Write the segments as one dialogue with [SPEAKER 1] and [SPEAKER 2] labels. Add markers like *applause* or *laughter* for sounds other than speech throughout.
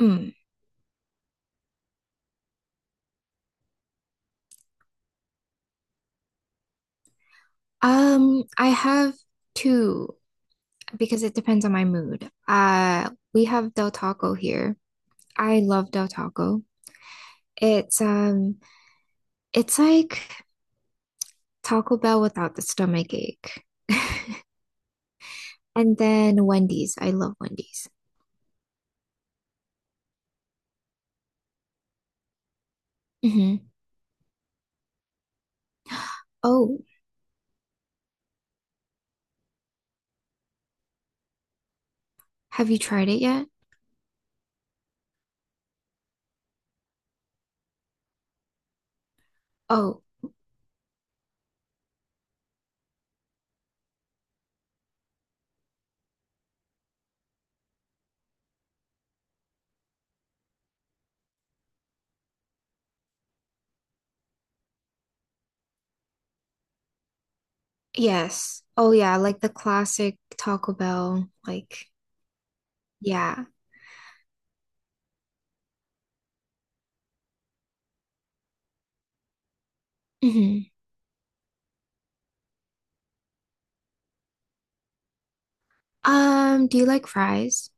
[SPEAKER 1] Mm. I have two because it depends on my mood. We have Del Taco here. I love Del Taco. It's um, it's like Taco Bell without the stomach ache. *laughs* And then Wendy's. I love Wendy's. Hmm. Oh, have you tried it yet? Oh, yes. Oh, yeah, like the classic Taco Bell. Like, yeah. Hmm. Do you like fries?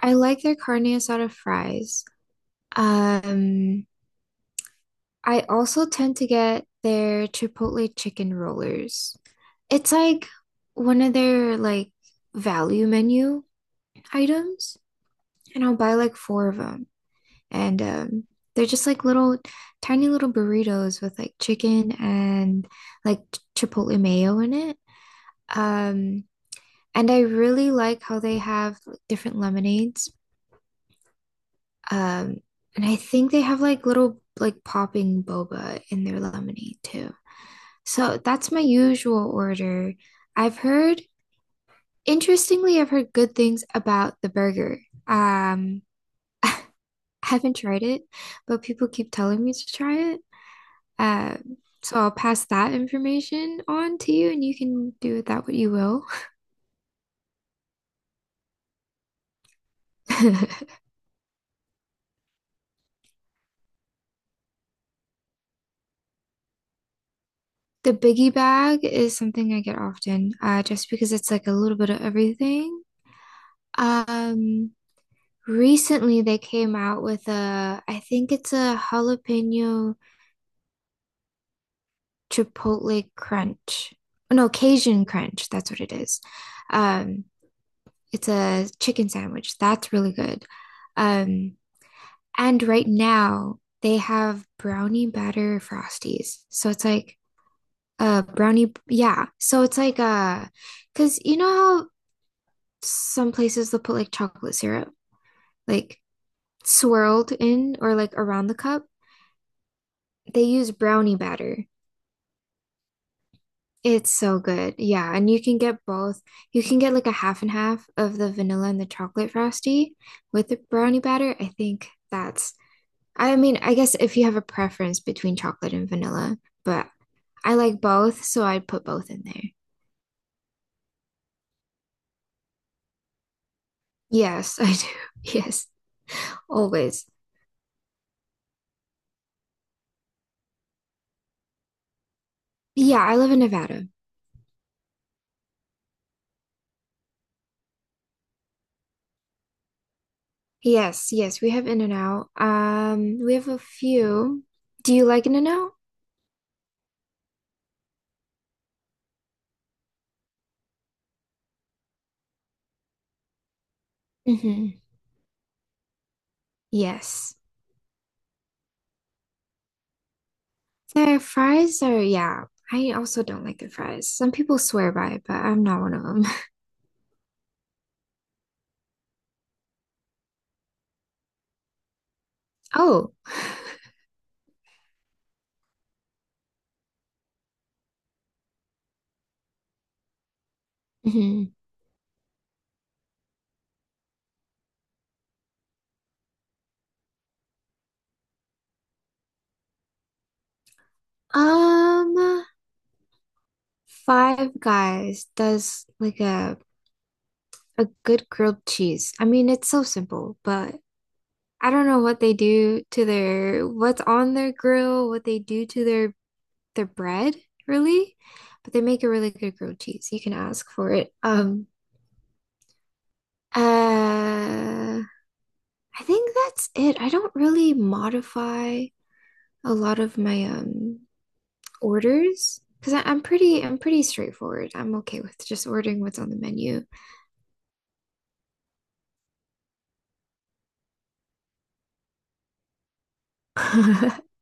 [SPEAKER 1] I like their carne asada fries. Um, I also tend to get their Chipotle chicken rollers. It's like one of their like value menu items, and I'll buy like four of them. And They're just like little tiny little burritos with like chicken and Chipotle mayo in it. Um, and I really like how they have like different lemonades. Um, and I think they have like little like popping boba in their lemonade too. So that's my usual order. I've heard, interestingly, I've heard good things about the burger. Um, *laughs* I haven't tried it, but people keep telling me to try it. Um, so I'll pass that information on to you, and you can do with that what you will. *laughs* The biggie bag is something I get often, just because it's like a little bit of everything. Um, Recently they came out with a, I think it's a jalapeno Chipotle Crunch. No, Cajun Crunch. That's what it is. Um, it's a chicken sandwich. That's really good. Um, and right now they have brownie batter frosties. So it's like a brownie, yeah. So it's like a, because you know how some places they'll put like chocolate syrup like swirled in or like around the cup? They use brownie batter. It's so good. Yeah, and you can get both. You can get like a half and half of the vanilla and the chocolate frosty with the brownie batter. I think that's, I mean, I guess if you have a preference between chocolate and vanilla, but I like both, so I'd put both in there. Yes, I do. *laughs* Yes, always. Yeah, I live in Nevada. Yes, yes, we have In-N-Out. We have a few. Do you like In-N-Out? Mm-hmm. Yes. Their fries are, yeah, I also don't like their fries. Some people swear by it, but I'm not one of them. *laughs* Oh, hmm, um, Five Guys does like a good grilled cheese. I mean, it's so simple, but I don't know what they do to their, what's on their grill, what they do to their bread, really. But they make a really good grilled cheese. You can ask for it. Uh, I think that's it. I don't really modify a lot of my orders because I'm pretty straightforward. I'm okay with just ordering what's on the menu. *laughs*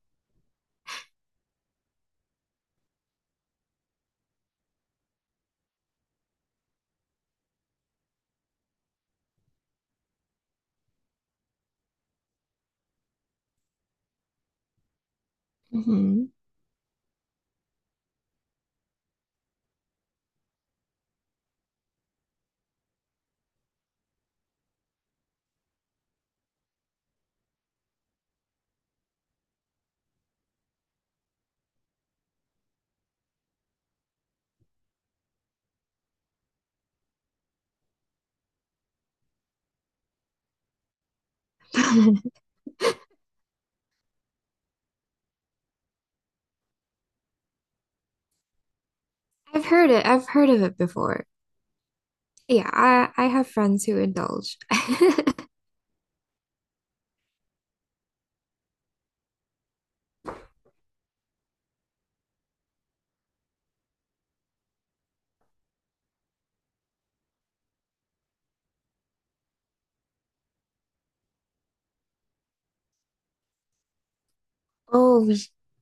[SPEAKER 1] Mhm. *laughs* I've heard it. I've heard of it before. Yeah, I have friends who indulge. *laughs* Oh,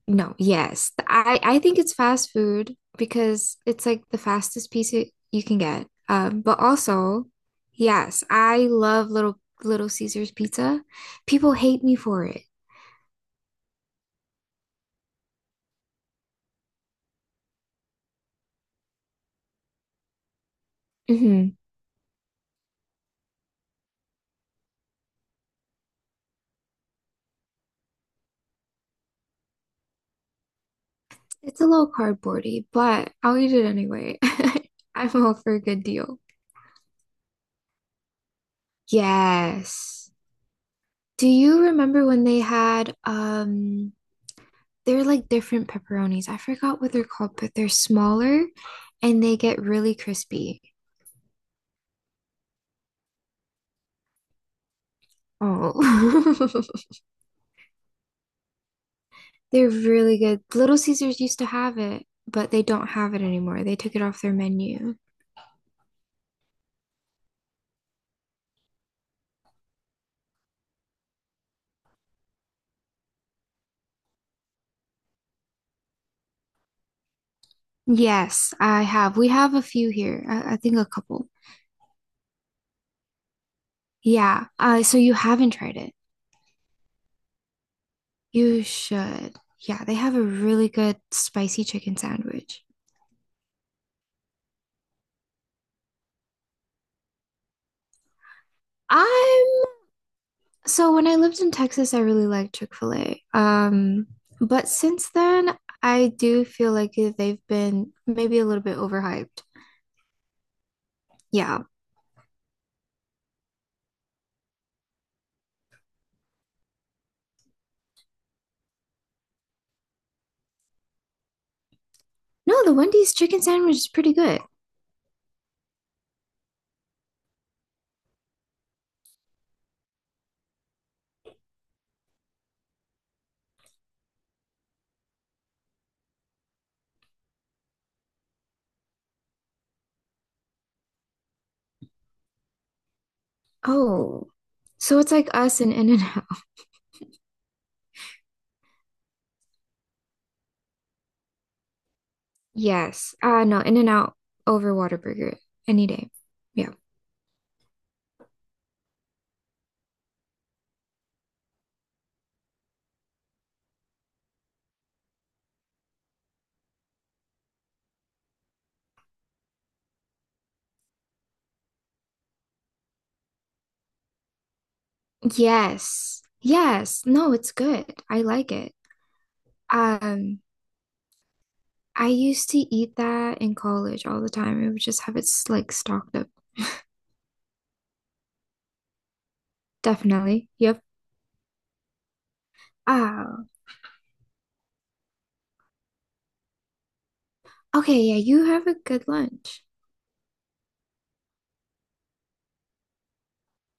[SPEAKER 1] no, yes. I think it's fast food because it's like the fastest piece it, you can get. But also, yes, I love little Little Caesar's pizza. People hate me for it. Hmm. It's a little cardboardy, but I'll eat it anyway. *laughs* I'm all for a good deal. Yes. Do you remember when they had they're like different pepperonis? I forgot what they're called, but they're smaller and they get really crispy. Oh, *laughs* they're really good. Little Caesars used to have it, but they don't have it anymore. They took it off their menu. Yes, I have. We have a few here. I think a couple. Yeah. So you haven't tried it. You should. Yeah, they have a really good spicy chicken sandwich. I'm, so when I lived in Texas, I really liked Chick-fil-A. But since then, I do feel like they've been maybe a little bit overhyped. Yeah. No, the Wendy's chicken sandwich is pretty good. Oh, so it's like us and in and out. *laughs* Yes. Uh, no, in and out over Whataburger any day. Yeah. Yes. Yes. No, it's good. I like it. Um, I used to eat that in college all the time. I would just like stocked up. Definitely. Yep. Ah, okay. Yeah, you have a good lunch.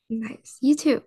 [SPEAKER 1] Nice. You too.